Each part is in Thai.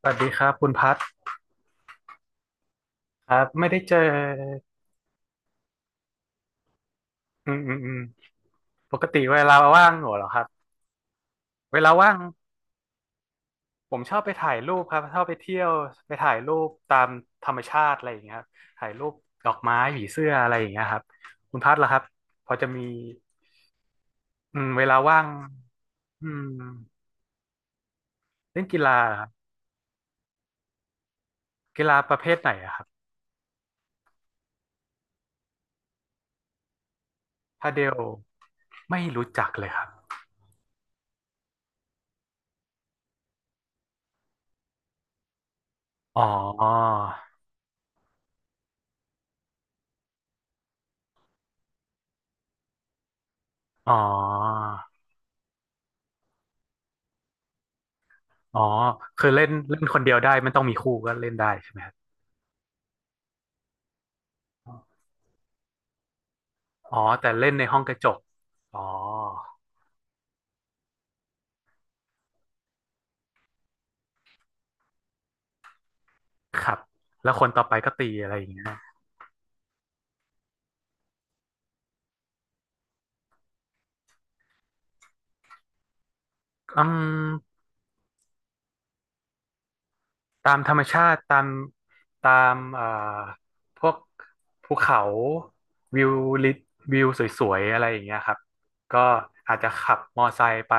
สวัสดีครับคุณพัดครับไม่ได้เจออืมปกติเวลาว่างเหรอครับเวลาว่างผมชอบไปถ่ายรูปครับชอบไปเที่ยวไปถ่ายรูปตามธรรมชาติอะไรอย่างเงี้ยครับถ่ายรูปดอกไม้ผีเสื้ออะไรอย่างเงี้ยครับคุณพัดล่ะครับพอจะมีอืมเวลาว่างอืมเล่นกีฬาเหรอครับกีฬาประเภทไหนอะครับพาเดลไม่รู้จักเลยครับอ๋ออ๋ออ๋อคือเล่นเล่นคนเดียวได้มันต้องมีคู่ก็เล่นได้ใช่ไหม อ๋อแต่เล่นในห้องกระจกอ๋อครับแล้วคนต่อไปก็ตีอะไรอย่างเงี้ยอืมตามธรรมชาติตามตามพวกภูเขาวิวลิวิวสวยๆอะไรอย่างเงี้ยครับก็อาจจะขับมอไซค์ไป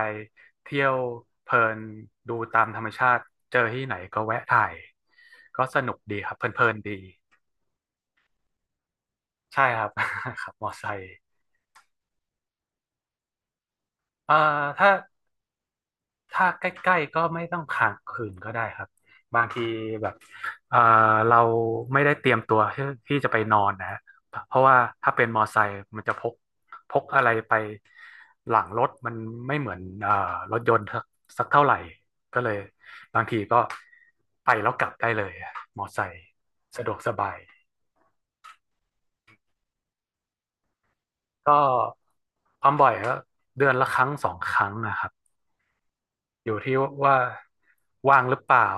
เที่ยวเพลินดูตามธรรมชาติเจอที่ไหนก็แวะถ่ายก็สนุกดีครับเพลินๆดีใช่ครับ ขับมอไซค์เอ่อถ้า ถ้าใกล้ๆก็ไม่ต้องค้างคืนก็ได้ครับบางทีแบบเอ่อเราไม่ได้เตรียมตัวที่ที่จะไปนอนนะฮะเพราะว่าถ้าเป็นมอไซค์มันจะพกพกอะไรไปหลังรถมันไม่เหมือนรถยนต์สักสักเท่าไหร่ก็เลยบางทีก็ไปแล้วกลับได้เลยอะมอไซค์สะดวกสบายก็ความบ่อยก็เดือนละ 1-2 ครั้งนะครับ อยู่ที่ว่าว่างหรือเปล่า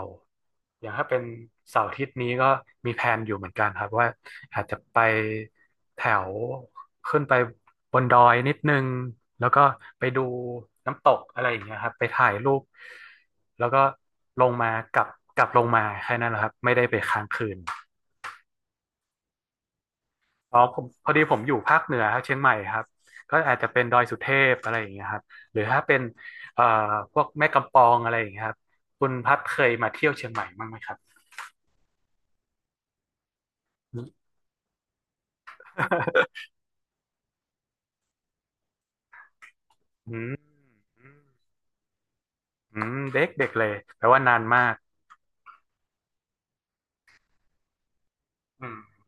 อย่างถ้าเป็นเสาร์อาทิตย์นี้ก็มีแพลนอยู่เหมือนกันครับว่าอาจจะไปแถวขึ้นไปบนดอยนิดนึงแล้วก็ไปดูน้ำตกอะไรอย่างเงี้ยครับไปถ่ายรูปแล้วก็ลงมากลับกลับลงมาแค่นั้นแหละครับไม่ได้ไปค้างคืน อ๋อผมพอดีผมอยู่ภาคเหนือครับเชียงใหม่ครับก็อาจจะเป็นดอยสุเทพอะไรอย่างเงี้ยครับหรือถ้าเป็นเอ่อพวกแม่กำปองอะไรอย่างเงี้ยครับคุณพัดเคยมาเที่ยวเชียงใหม่บ้างไหมครับ อืมอืมอืมเด็กเด็กเลยแปลว่านานมากอืม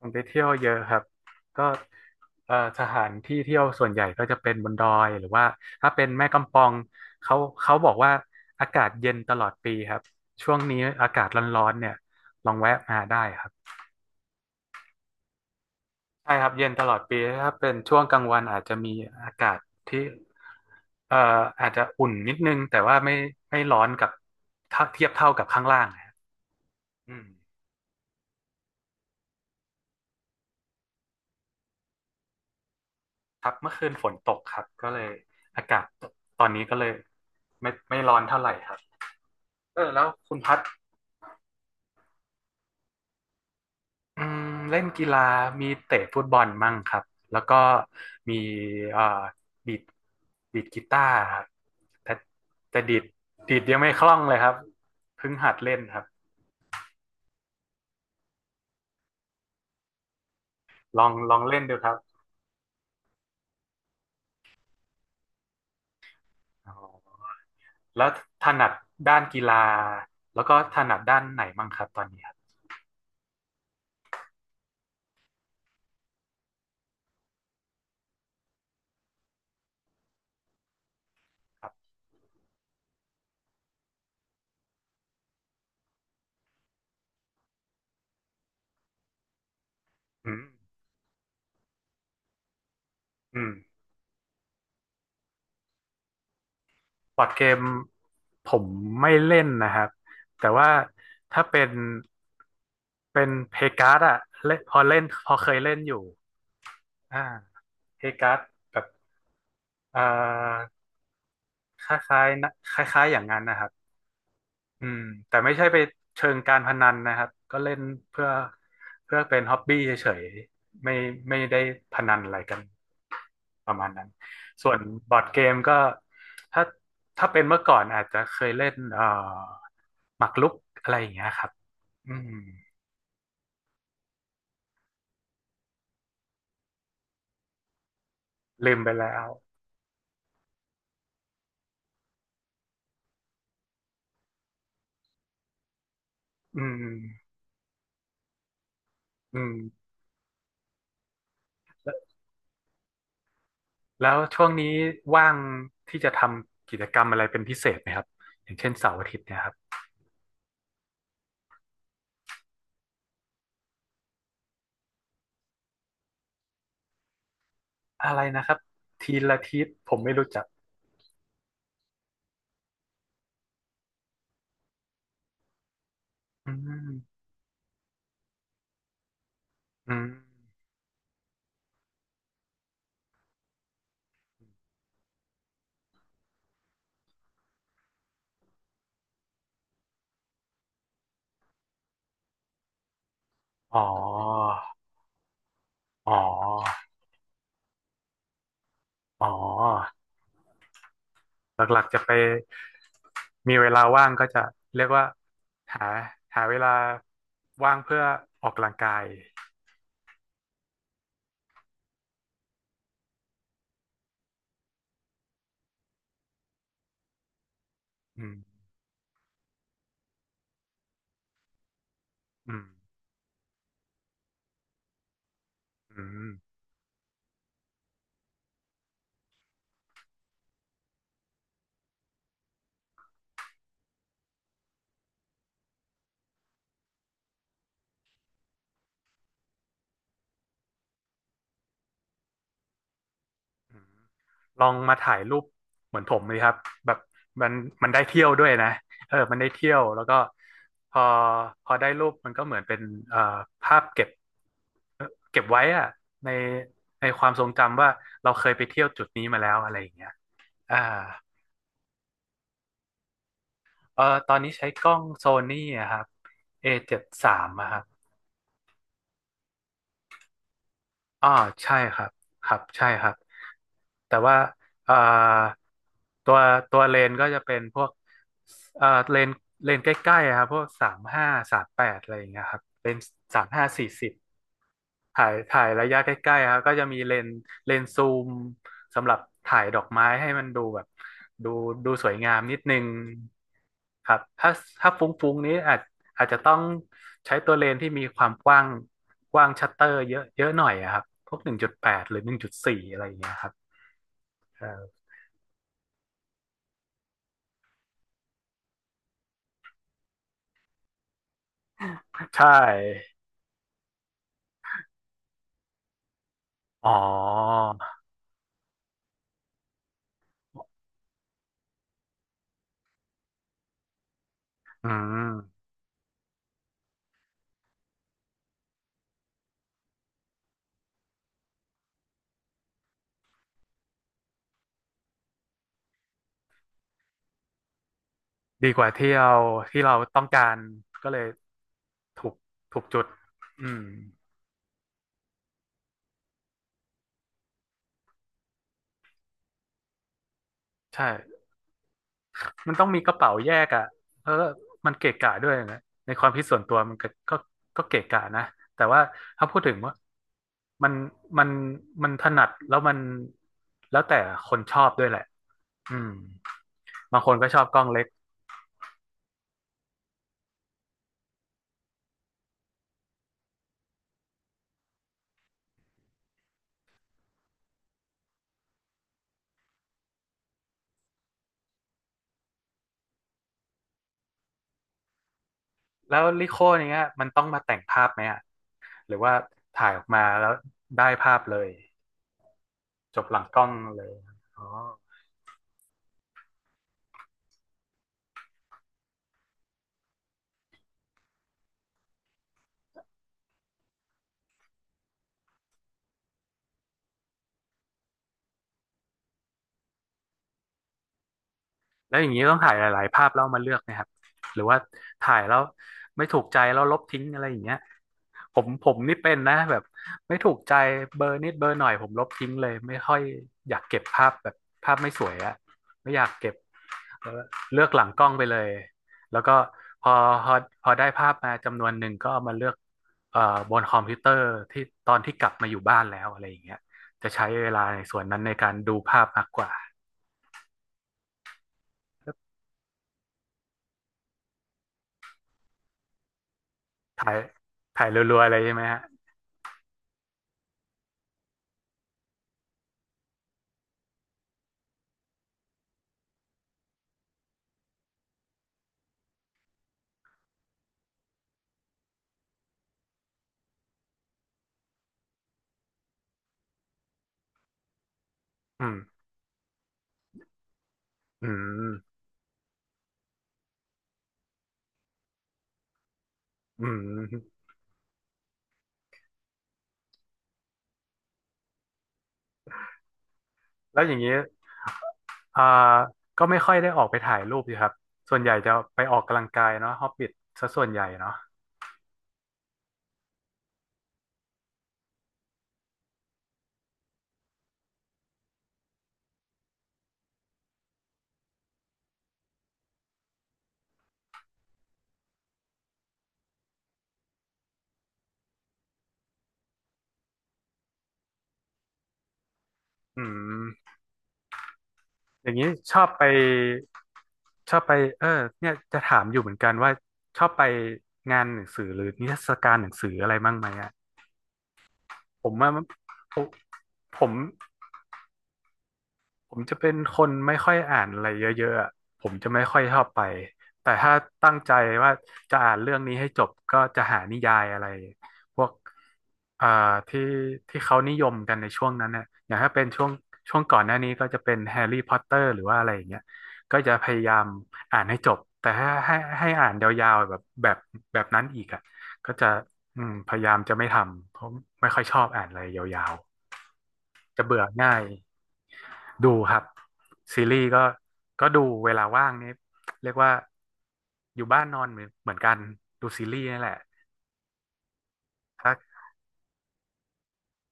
ผมไปเที่ยวเยอะครับก็สถานที่เที่ยวส่วนใหญ่ก็จะเป็นบนดอยหรือว่าถ้าเป็นแม่กำปองเขาเขาบอกว่าอากาศเย็นตลอดปีครับช่วงนี้อากาศร้อนๆเนี่ยลองแวะมาได้ครับ ใช่ครับเย็นตลอดปีถ้าเป็นช่วงกลางวันอาจจะมีอากาศที่เอ่ออาจจะอุ่นนิดนึงแต่ว่าไม่ไม่ร้อนกับถ้าเทียบเท่ากับข้างล่างนะครับอืมครับเมื่อคืนฝนตกครับก็เลยอากาศตอนนี้ก็เลยไม่ไม่ร้อนเท่าไหร่ครับเออแล้วคุณพัดอืมเล่นกีฬามีเตะฟุตบอลมั่งครับแล้วก็มีเอ่อดีดดีดกีตาร์ครับแต่แต่ดีดดีดยังไม่คล่องเลยครับเพิ่งหัดเล่นครับ ลองลองเล่นดูครับอ๋อแล้วถนัดด้านกีฬาแล้วก็ถนัดด้านไหนมั่งครับตอนนี้ครับครับอืมอืมบอร์ดเกมผมไม่เล่นนะครับ แต่ว่าถ้าเป็นเป็นเพการ์ดอะเล่นพอเล่นพอเคยเล่นอยู่อ่าเพการ์ดแบบเอ่อคล้ายๆนะคล้ายๆอย่างนั้นนะครับ อืมแต่ไม่ใช่ไปเชิงการพนันนะครับก็เล่นเพื่อเพื่อเป็นฮ็อบบี้เฉยๆไม่ไม่ได้พนันอะไรกันประมาณนั้นส่วนบอร์ดเกมก็ถ้าถ้าเป็นเมื่อก่อนอาจจะเคยเล่นหมากรุกอะไรอย่างเงี้ยครับอืมลืมไปแล้วอืมอืมแล้วแล้วช่วงนี้ว่างที่จะทำกิจกรรมอะไรเป็นพิเศษไหมครับอย่างเช่นเสาร์อาทิตย์เนี่ยครับอะไรนะครับทีละทิศผมไม่รู้จักอืม อืมอ๋ออ๋ออ๋อ หลักๆจะไปมีเวลาว่างก็จะเรียกว่าหาหาเวลาว่างเพื่อออกกำลังกายอืมอืมอืมอืมลองมาถ่ายรูปเหมือนผมเลยครับแบบมันมันได้เที่ยวด้วยนะเออมันได้เที่ยวแล้วก็พอพอได้รูปมันก็เหมือนเป็นเอ่อภาพเก็บเอ่อเก็บไว้อะในในความทรงจำว่าเราเคยไปเที่ยวจุดนี้มาแล้วอะไรอย่างเงี้ย อ่าเออตอนนี้ใช้กล้องโซนี่อะครับ A73 อเจ็ดสามอะครับอ๋อใช่ครับครับใช่ครับ แต่ว่าเอ่อตัวตัวเลนก็จะเป็นพวกเลนเลนใกล้ๆอะครับพวกสามห้า38อะไรอย่างเงี้ยครับเป็น35-40 ถ่ายถ่ายระยะใกล้ๆครับก็จะมีเลนส์เลนส์ซูมสำหรับถ่ายดอกไม้ให้มันดูแบบดูดูสวยงามนิดนึงครับถ้าฟุ้งๆนี้อาจจะต้องใช้ตัวเลนส์ที่มีความกว้างชัตเตอร์เยอะเยอะหน่อยอะครับพวกหนึ่งจุดแปดหรือหนึ่งจุดสี่อะไรอย่างเงี้ยครับเออใช่อ๋ออืมดีกว่าที่เราที่เราต้องการก็เลยถูกถูกจุดอืมใช่ มันต้องมีกระเป๋าแยกอ่ะเออมันเกะกะด้วยนะในความคิดส่วนตัวมันก็ก็เกะกะนะแต่ว่าถ้าพูดถึงว่ามันมันมันถนัดแล้วมันแล้วแต่คนชอบด้วยแหละอืมบางคนก็ชอบกล้องเล็ก แล้วลิโคเนี้ยมันต้องมาแต่งภาพไหมอ่ะหรือว่าถ่ายออกมาแล้วได้ภาพเลยจบหลังกล้องเลยอ๋อ แล้วอย่างนี้ต้องถ่ายหลาย ๆ ภาพแล้วเอามาเลือกนะครับหรือว่าถ่ายแล้วไม่ถูกใจแล้วลบทิ้งอะไรอย่างเงี้ยผมนี่เป็นนะแบบไม่ถูกใจเบอร์นิดเบอร์หน่อยผมลบทิ้งเลยไม่ค่อยอยากเก็บภาพแบบภาพไม่สวยอะไม่อยากเก็บเออเลือกหลังกล้องไปเลยแล้วก็พอพอพอได้ภาพมาจำนวนหนึ่งก็เอามาเลือกเอ่อบนคอมพิวเตอร์ที่ตอนที่กลับมาอยู่บ้านแล้วอะไรอย่างเงี้ยจะใช้เวลาในส่วนนั้นในการดูภาพมากกว่า ถ่ายถ่ายรัวๆเลยใช่ไหมฮะอืมอืมอืมแล้วอย่างนี้ อ่าก็ไม่ค่อยได้ออกไปถ่ายรูปสิครับ ส่วนใหญ่จะไปออกกำลังกายเนาะฮอบบิทซะส่วนใหญ่เนาะอืมอย่างนี้ชอบไป ชอบไปเออเนี่ยจะถามอยู่เหมือนกันว่าชอบไปงานหนังสือหรือนิทรรศการหนังสืออะไรบ้างไหมอ่ะผมว่าผมผม ผมจะเป็นคนไม่ค่อยอ่านอะไรเยอะๆอะผมจะไม่ค่อยชอบไปแต่ถ้าตั้งใจว่าจะอ่านเรื่องนี้ให้จบก็จะหานิยายอะไรพวกอ่าที่ที่เขานิยมกันในช่วงนั้นเนี่ยอย่างถ้าเป็นช่วงก่อนหน้านี้ก็จะเป็นแฮร์รี่พอตเตอร์หรือว่าอะไรอย่างเงี้ยก็จะพยายามอ่านให้จบแต่ถ้าให้อ่านยาวๆแบบแบบแบบนั้นอีกอ่ะก็จะอืมพยายามจะไม่ทำเพราะไม่ค่อยชอบอ่านอะไรยาวๆจะเบื่อง่าย ดูครับซีรีส์ก็ก็ดูเวลาว่างนี่เรียกว่าอยู่บ้านนอนเหมือนกันดูซีรีส์นี่แหละถ้า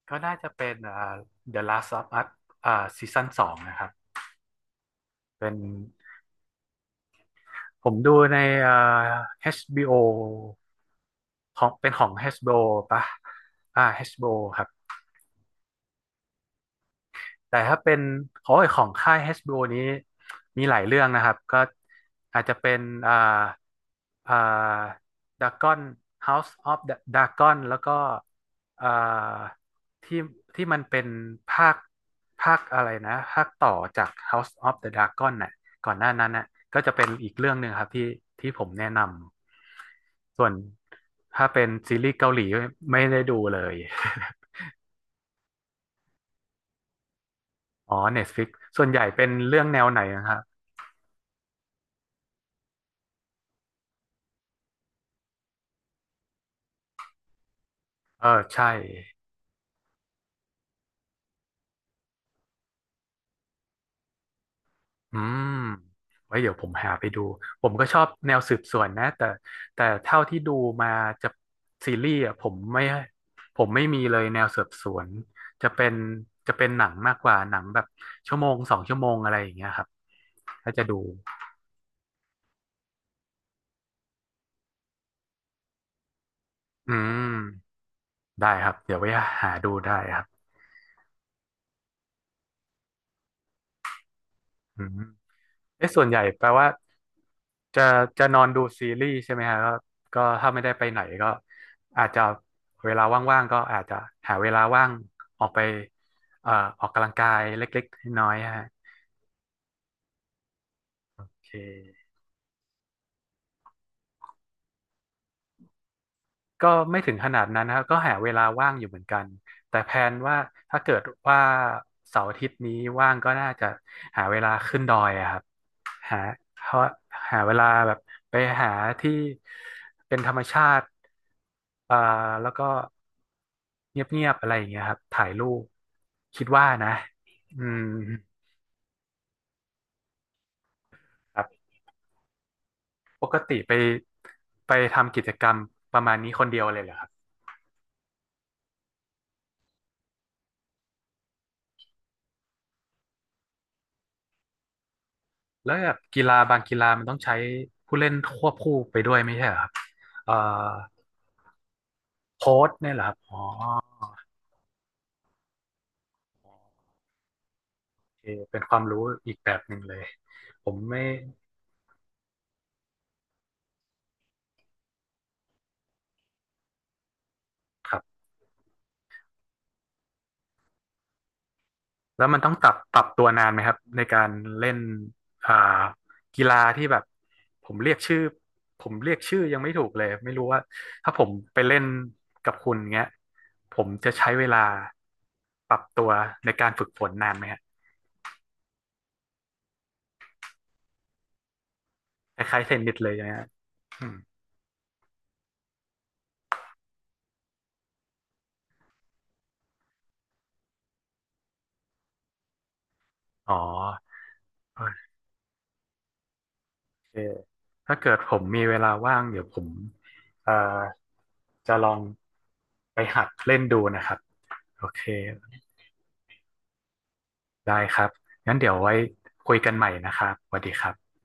ก็น่าจะเป็นThe Last of Us อ่าซีซั่นสองนะครับเป็นผมดูในอ่า HBO ของเป็นของ HBO ปะอ่า HBO ครับ แต่ถ้าเป็นโอ้ยของค่าย HBO นี้มีหลายเรื่องนะครับก็อาจจะเป็นอ่าอ่า Dragon House of the Dragon แล้วก็อ่าที่ที่มันเป็นภาคภาคอะไรนะภาคต่อจาก House of the Dragon น่ะก่อนหน้านั้นน่ะก็จะเป็นอีกเรื่องหนึ่งครับที่ที่ผมแนะนำส่วนถ้าเป็นซีรีส์เกาหลีไม่ได้ดูเลย อ๋อ Netflix ส่วนใหญ่เป็นเรื่องแนวไหนนะครับ เออใช่อืมไว้เดี๋ยวผมหาไปดู ผมก็ชอบแนวสืบสวนนะแต่แต่เท่าที่ดูมาจะซีรีส์อ่ะผมไม่มีเลยแนวสืบสวนจะเป็นจะเป็นหนังมากกว่าหนังแบบชั่วโมงสองชั่วโมงอะไรอย่างเงี้ยครับถ้าจะดูอืมได้ครับเดี๋ยวไว้หาดูได้ครับอืม เอ๊ะส่วนใหญ่แปลว่าจะจะนอนดูซีรีส์ใช่ไหมฮะก็ก็ถ้าไม่ได้ไปไหนก็อาจจะเวลาว่างๆก็อาจจะหาเวลาว่างออกไปเอ่อออกกำลังกายเล็กๆน้อยๆฮะโอเคก็ไม่ถึงขนาดนั้นนะครับก็หาเวลาว่างอยู่เหมือนกันแต่แพลนว่าถ้าเกิดว่าเสาร์อาทิตย์นี้ว่างก็น่าจะหาเวลาขึ้นดอยอะครับ หาหาหาเวลาแบบไปหาที่เป็นธรรมชาติอ่าแล้วก็เงียบๆอะไรอย่างเงี้ยครับถ่ายรูปคิดว่านะอืมครับปกติไปทำกิจกรรมประมาณนี้คนเดียวเลยเหรอครับแล้วแบบกีฬาบางกีฬามันต้องใช้ผู้เล่นควบคู่ไปด้วยไม่ใช่เหรอครับเอ่อโค้ชเนี่ยเหรอครับอ๋อโอเคเป็นความรู้อีกแบบหนึ่งเลยผมไม่ครับ แล้วมันต้องปรับตัวนานไหมครับในการเล่นอ่ากีฬาที่แบบผมเรียกชื่อผมเรียกชื่อยังไม่ถูกเลยไม่รู้ว่าถ้าผมไปเล่นกับคุณเงี้ยผมจะใช้เวลาปรับตัวในการฝึกฝนนานไหมฮะคล้ายๆเทนนิสเลยนะฮะอืมอ๋อโอเคถ้าเกิดผมมีเวลาว่างเดี๋ยวผมเอ่อจะลองไปหัดเล่นดูนะครับโอเค ได้ครับ งั้นเดี๋ยวไว้คุยกันใหม่นะครับสวัสดีครับ